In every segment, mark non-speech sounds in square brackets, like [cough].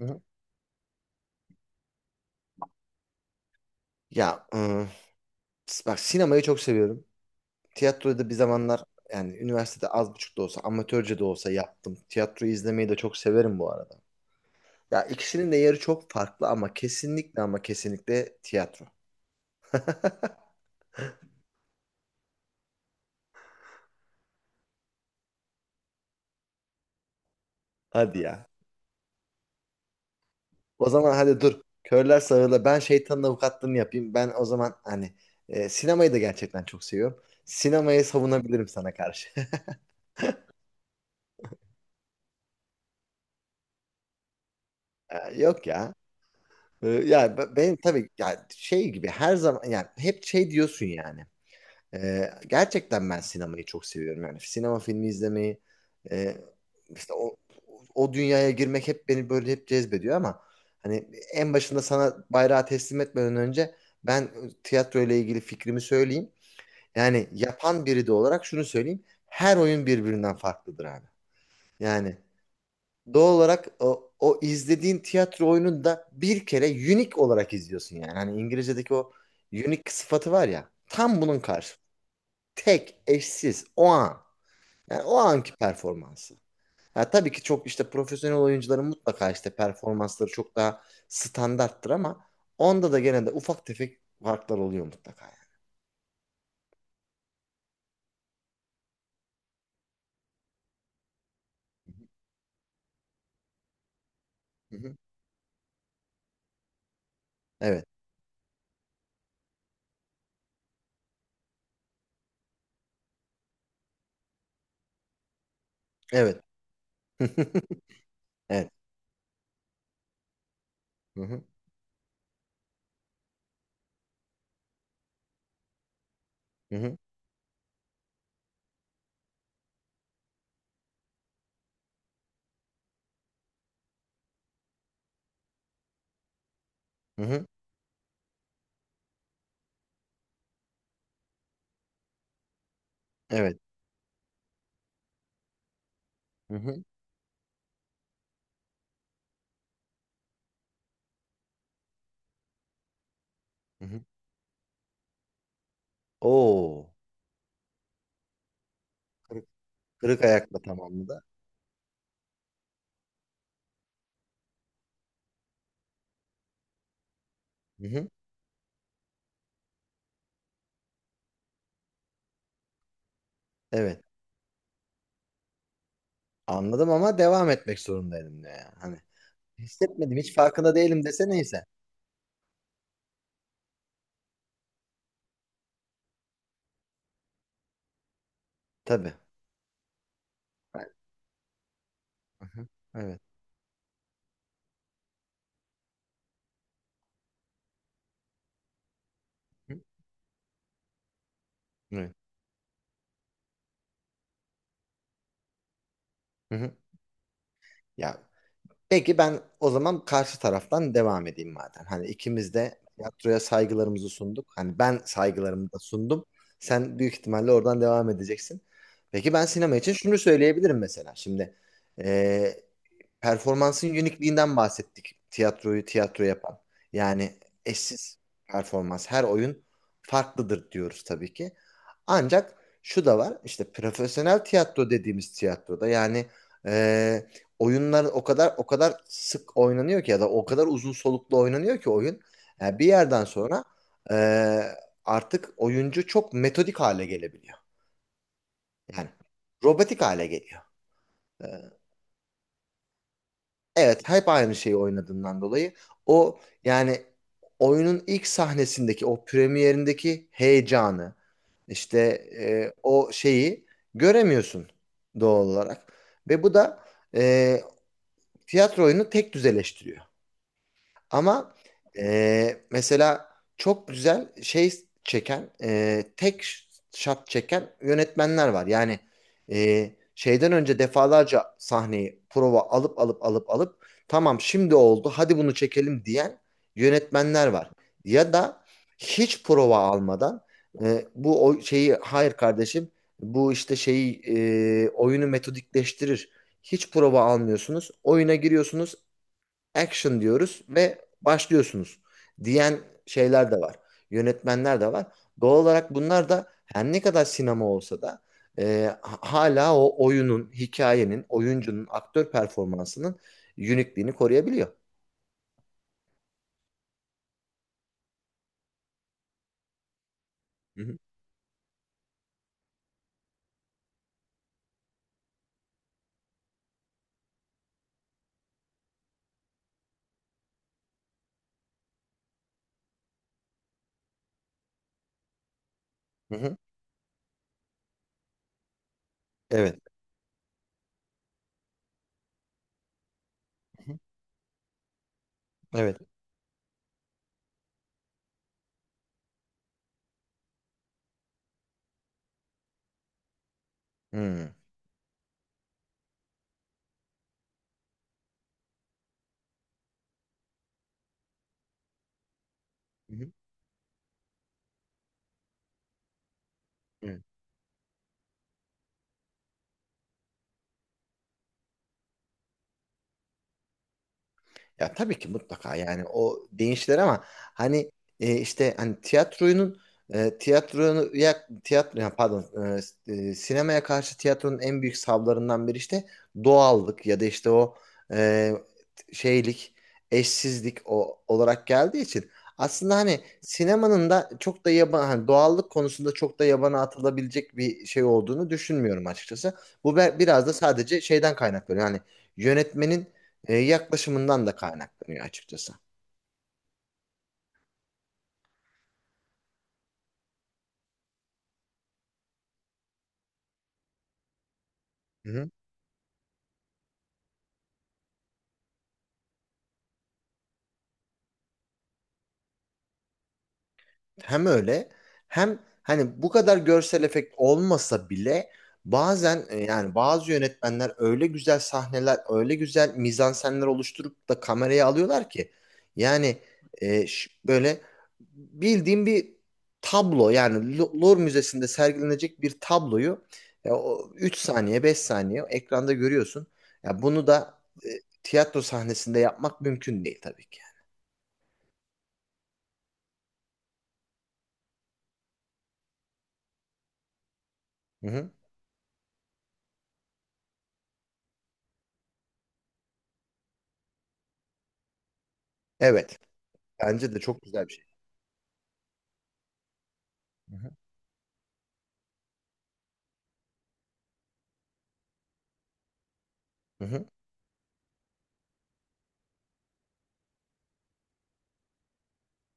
Hı hı. Ya ıı, Bak sinemayı çok seviyorum. Tiyatroyu da bir zamanlar yani üniversitede az buçuk da olsa amatörce de olsa yaptım. Tiyatroyu izlemeyi de çok severim bu arada. Ya ikisinin de yeri çok farklı ama kesinlikle ama kesinlikle tiyatro. [laughs] Hadi ya. O zaman hadi dur. Körler sağırla ben şeytanın avukatlığını yapayım. Ben o zaman hani sinemayı da gerçekten çok seviyorum. Sinemayı savunabilirim sana karşı. [laughs] Yok ya. Yani benim tabii yani şey gibi her zaman yani hep şey diyorsun yani. Gerçekten ben sinemayı çok seviyorum yani sinema filmi izlemeyi e, işte o dünyaya girmek hep beni böyle hep cezbediyor ama hani en başında sana bayrağı teslim etmeden önce ben tiyatro ile ilgili fikrimi söyleyeyim. Yani yapan biri de olarak şunu söyleyeyim. Her oyun birbirinden farklıdır abi. Yani doğal olarak o izlediğin tiyatro oyununu da bir kere unique olarak izliyorsun yani. Hani İngilizce'deki o unique sıfatı var ya. Tam bunun karşı. Tek, eşsiz, o an. Yani o anki performansı. Ya tabii ki çok işte profesyonel oyuncuların mutlaka işte performansları çok daha standarttır ama onda da gene de ufak tefek farklar oluyor mutlaka yani. Hı hı. Evet. Evet. [laughs] Evet. Hı hı. Hı hı. Hı hı. Evet. Hı hı. Hı hı. Oo. Kırık ayakla tamamladı. Hı hı. Evet. Anladım ama devam etmek zorundaydım diyor yani. Hani hissetmedim hiç farkında değilim dese neyse. Tabii. Evet. Hı hı. Evet. Hı. Evet. Hı hı. Ya peki ben o zaman karşı taraftan devam edeyim madem. Hani ikimiz de tiyatroya saygılarımızı sunduk. Hani ben saygılarımı da sundum. Sen büyük ihtimalle oradan devam edeceksin. Peki ben sinema için şunu söyleyebilirim mesela. Şimdi eee, performansın unikliğinden bahsettik. Tiyatroyu tiyatro yapan. Yani eşsiz performans. Her oyun farklıdır diyoruz tabii ki. Ancak şu da var. İşte profesyonel tiyatro dediğimiz tiyatroda yani e, oyunlar o kadar sık oynanıyor ki ya da o kadar uzun soluklu oynanıyor ki oyun. Yani bir yerden sonra e, artık oyuncu çok metodik hale gelebiliyor. Yani robotik hale geliyor. Evet, hep aynı şeyi oynadığından dolayı o yani oyunun ilk sahnesindeki o premierindeki heyecanı işte o şeyi göremiyorsun doğal olarak ve bu da e, tiyatro oyunu tek düzeleştiriyor. Ama mesela çok güzel şey çeken, tek shot çeken yönetmenler var. Yani şeyden önce defalarca sahneyi prova alıp tamam şimdi oldu hadi bunu çekelim diyen yönetmenler var. Ya da hiç prova almadan bu o şeyi hayır kardeşim bu işte şeyi oyunu metodikleştirir. Hiç prova almıyorsunuz. Oyuna giriyorsunuz action diyoruz ve başlıyorsunuz diyen şeyler de var. Yönetmenler de var. Doğal olarak bunlar da her ne kadar sinema olsa da e, hala o oyunun, hikayenin, oyuncunun, aktör performansının unikliğini koruyabiliyor. Hı hı. Hı hı. Evet. Hı hı. Evet. Hı. Hı hı. Hı. Ya tabii ki mutlaka yani o değişler ama hani işte hani tiyatroyunun e, tiyatroya tiyatro yani pardon e, e, sinemaya karşı tiyatronun en büyük savlarından biri işte doğallık ya da işte o e, şeylik, eşsizlik olarak geldiği için aslında hani sinemanın da çok da yaban hani doğallık konusunda çok da yabana atılabilecek bir şey olduğunu düşünmüyorum açıkçası. Bu biraz da sadece şeyden kaynaklanıyor. Yani yönetmenin yaklaşımından da kaynaklanıyor açıkçası. Hem öyle hem hani bu kadar görsel efekt olmasa bile bazen yani bazı yönetmenler öyle güzel sahneler, öyle güzel mizansenler oluşturup da kameraya alıyorlar ki yani böyle bildiğim bir tablo yani Louvre Müzesi'nde sergilenecek bir tabloyu o 3 saniye 5 saniye ekranda görüyorsun. Ya bunu da e, tiyatro sahnesinde yapmak mümkün değil tabii ki. Hı hı. Evet. Bence de çok güzel bir şey. Hı hı. Hı hı.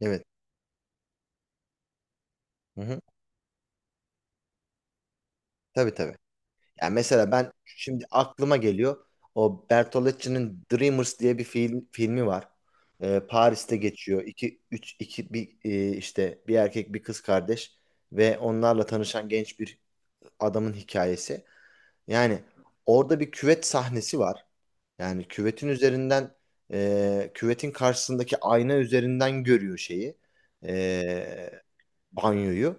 Evet. Hı hı. Tabii tabii. Yani mesela ben şimdi aklıma geliyor. O Bertolucci'nin Dreamers diye bir filmi var. Paris'te geçiyor. İki, üç, iki, bir, e, işte bir erkek bir kız kardeş ve onlarla tanışan genç bir adamın hikayesi. Yani orada bir küvet sahnesi var. Yani küvetin üzerinden küvetin karşısındaki ayna üzerinden görüyor şeyi. Banyoyu.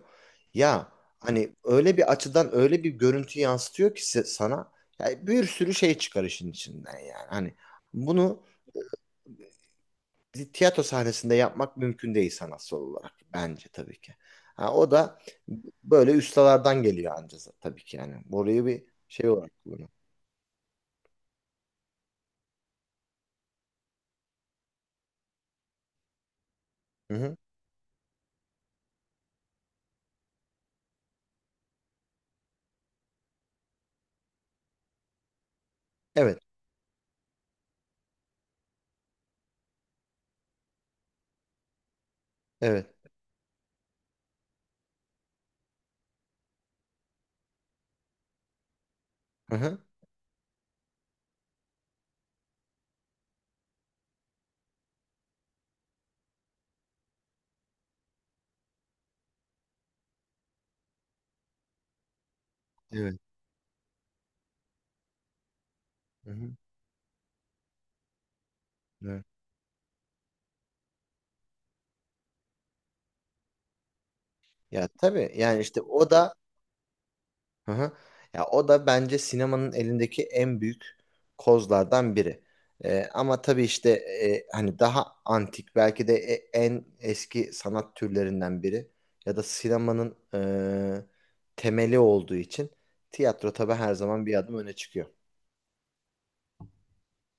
Ya hani öyle bir açıdan öyle bir görüntü yansıtıyor ki sana ya bir sürü şey çıkar işin içinden yani. Hani bunu bir tiyatro sahnesinde yapmak mümkün değil sanatsal olarak bence tabii ki. Ha, o da böyle ustalardan geliyor anca tabii ki yani. Burayı bir şey olarak kullanıyor. Hı hı. Evet, evet. Hı hı. Evet. Hı hı. Evet. Ya tabii yani işte o da hı hı. Ya o da bence sinemanın elindeki en büyük kozlardan biri. Ama tabii işte hani daha antik belki de en eski sanat türlerinden biri ya da sinemanın e, temeli olduğu için tiyatro tabii her zaman bir adım öne çıkıyor.